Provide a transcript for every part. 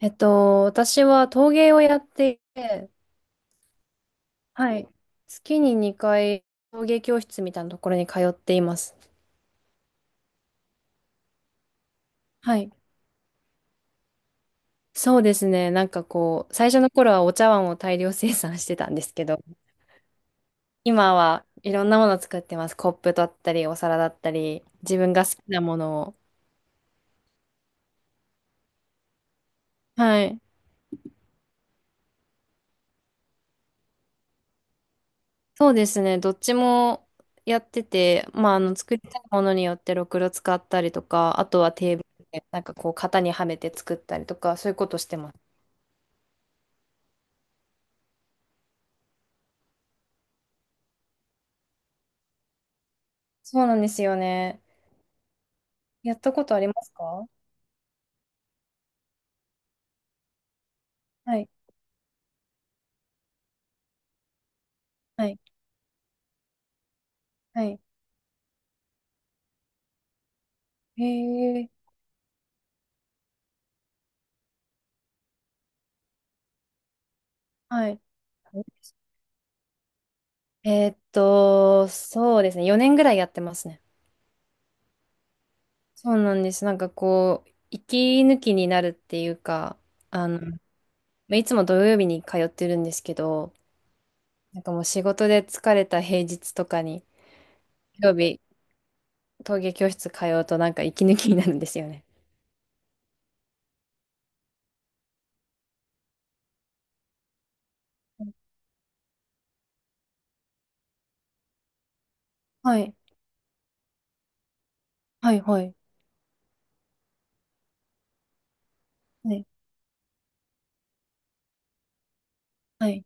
私は陶芸をやっていて、はい。月に2回陶芸教室みたいなところに通っています。はい。そうですね。なんかこう、最初の頃はお茶碗を大量生産してたんですけど、今はいろんなものを作ってます。コップだったり、お皿だったり、自分が好きなものを。はい。そうですね。どっちもやってて、まあ、作りたいものによってろくろ使ったりとか、あとはテーブルで、なんかこう、型にはめて作ったりとか、そういうことしてます。そうなんですよね。やったことありますか？はい、はい、はい。へえ、はい。そうですね。4年ぐらいやってますね。そうなんです。なんかこう、息抜きになるっていうか、まあいつも土曜日に通ってるんですけど、なんかもう仕事で疲れた平日とかに、土曜日、陶芸教室通うとなんか息抜きになるんですよね。はい、はい、はい、はい、はい、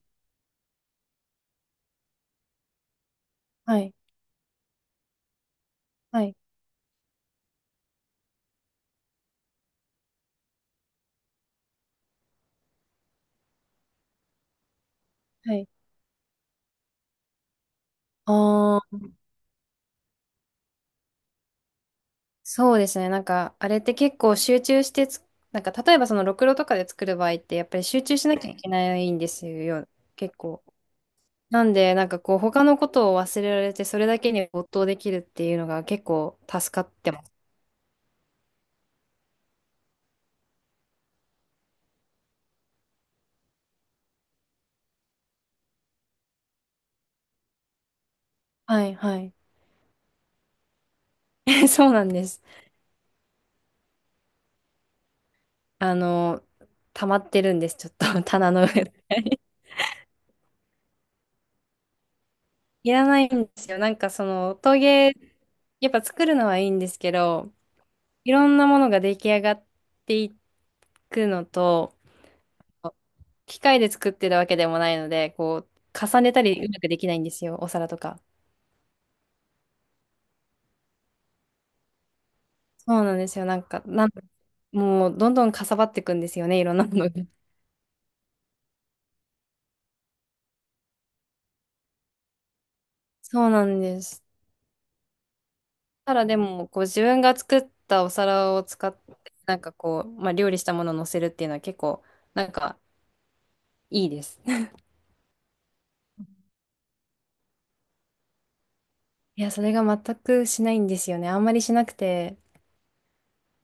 はい、はい。はい。ああー、そうですね。なんか、あれって結構集中してつ、なんか、例えばその、ろくろとかで作る場合って、やっぱり集中しなきゃいけないんですよ、結構。なんで、なんかこう、他のことを忘れられて、それだけに没頭できるっていうのが結構助かってます。はい、はい。そうなんです。あの、溜まってるんです、ちょっと、棚の上で。いらないんですよ。なんかその、陶芸、やっぱ作るのはいいんですけど、いろんなものが出来上がっていくのと、機械で作ってるわけでもないので、こう、重ねたりうまくできないんですよ、お皿とか。そうなんですよ。もう、どんどんかさばっていくんですよね、いろんなものが。そうなんです。ただでも、こう、自分が作ったお皿を使って、なんかこう、まあ、料理したものを乗せるっていうのは結構、なんか、いいです。いや、それが全くしないんですよね。あんまりしなくて、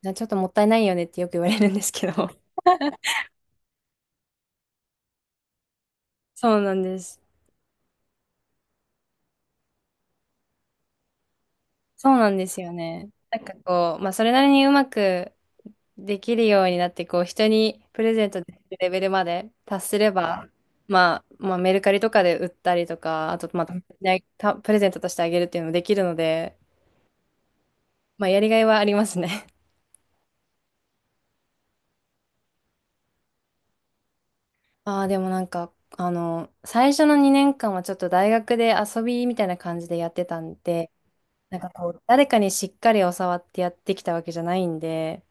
なちょっともったいないよねってよく言われるんですけど。そうなんです。そうなんですよね。なんかこう、まあ、それなりにうまく、できるようになって、こう、人にプレゼントできるレベルまで達すれば、まあ、メルカリとかで売ったりとか、あと、またねたプレゼントとしてあげるっていうのもできるので、まあ、やりがいはありますね。ああ、でもなんか、最初の2年間はちょっと大学で遊びみたいな感じでやってたんで、なんかこう、誰かにしっかり教わってやってきたわけじゃないんで、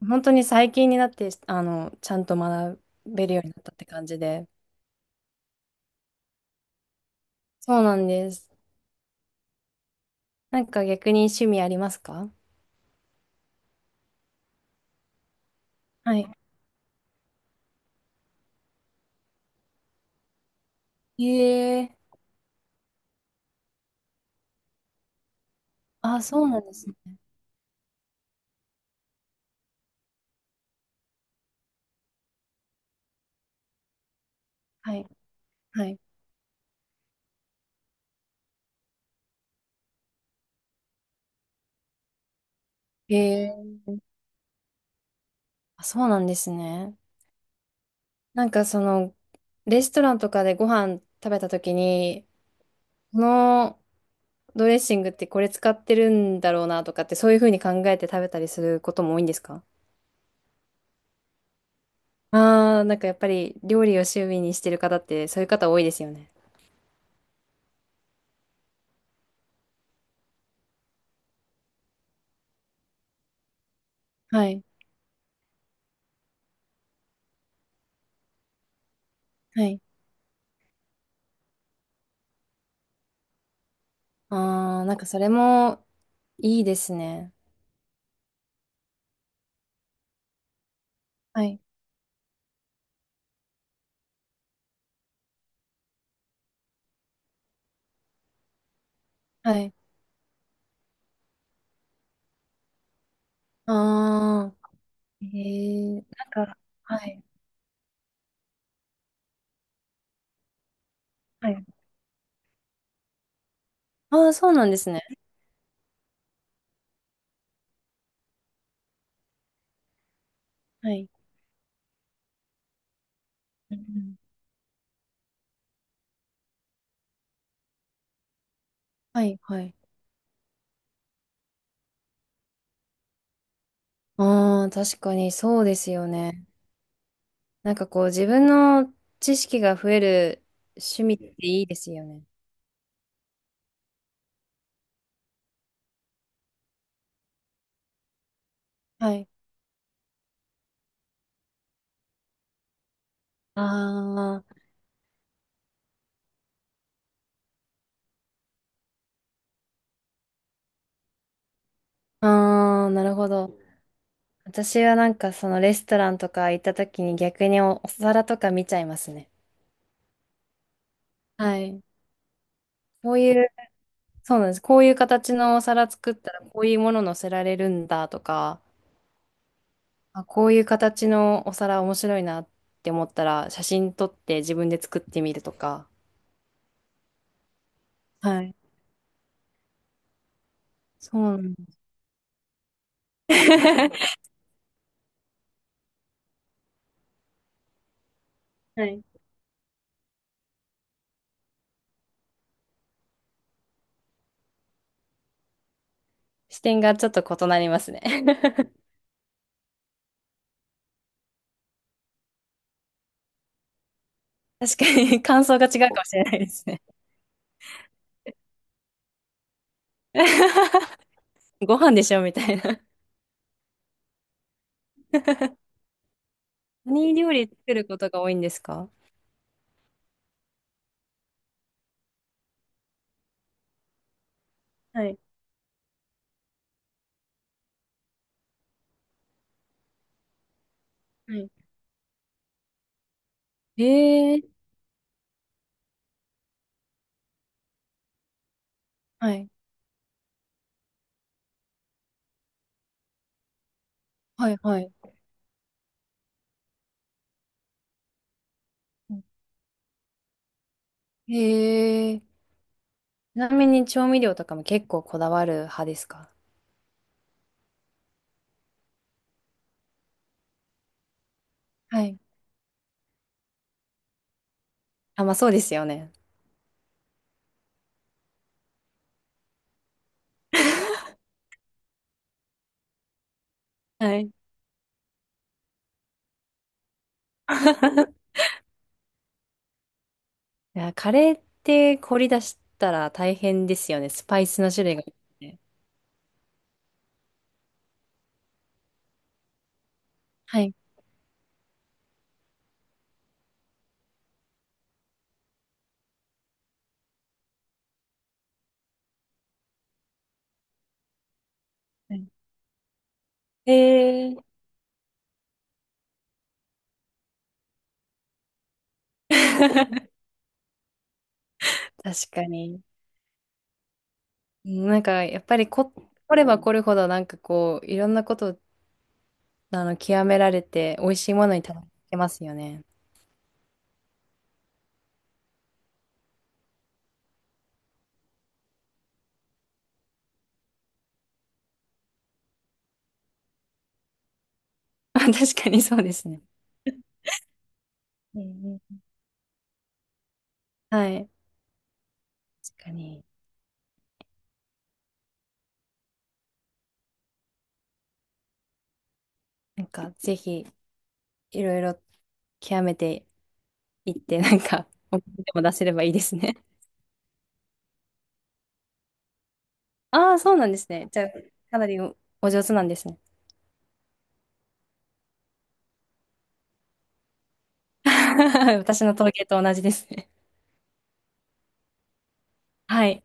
本当に最近になって、ちゃんと学べるようになったって感じで。そうなんです。なんか逆に趣味ありますか？はい。ええ。あ、そうなんですね。はい。はい。ええ。あ、そうなんですね。なんかその、レストランとかでご飯食べた時に、このドレッシングってこれ使ってるんだろうなとかって、そういうふうに考えて食べたりすることも多いんですか？ああー、なんかやっぱり料理を趣味にしてる方って、そういう方多いですよね。はい。はい。ああ、なんかそれもいいですね。はい。はい。ああ。えー、なんか、はい、はい。ああ、そうなんですね。はい。うん。はい、はい。ああ、確かにそうですよね。なんかこう、自分の知識が増える趣味っていいですよね。はい。ああ、ああ、なるほど。私はなんかそのレストランとか行った時に逆にお、お皿とか見ちゃいますね。はい。こういう、そうなんです。こういう形のお皿作ったらこういうもの乗せられるんだとか、あ、こういう形のお皿面白いなって思ったら、写真撮って自分で作ってみるとか。はい。そうなんだ。はい。視点がちょっと異なりますね。確かに感想が違うかもしれないですね。ご飯でしょみたいな。何料理作ることが多いんですか？はい。はい。えー、はい。はい、はい。えー、ちなみに調味料とかも結構こだわる派ですか？はい。あ、まあそうですよね。はい。いや、カレーって凝り出したら大変ですよね。スパイスの種類が多くて。はい。えー。 確かに。なんか、やっぱりこ、凝れば凝るほど、なんかこう、いろんなこと、極められて、美味しいものにたどり着けますよね。あ、確かにそうですね。うん。うん。はい。確かに。なんか、ぜひ、いろいろ極めていって、なんか、お金でも出せればいいですね。ああ、そうなんですね。じゃあ、かなりおお上手なんですね。私の陶芸と同じですね。はい。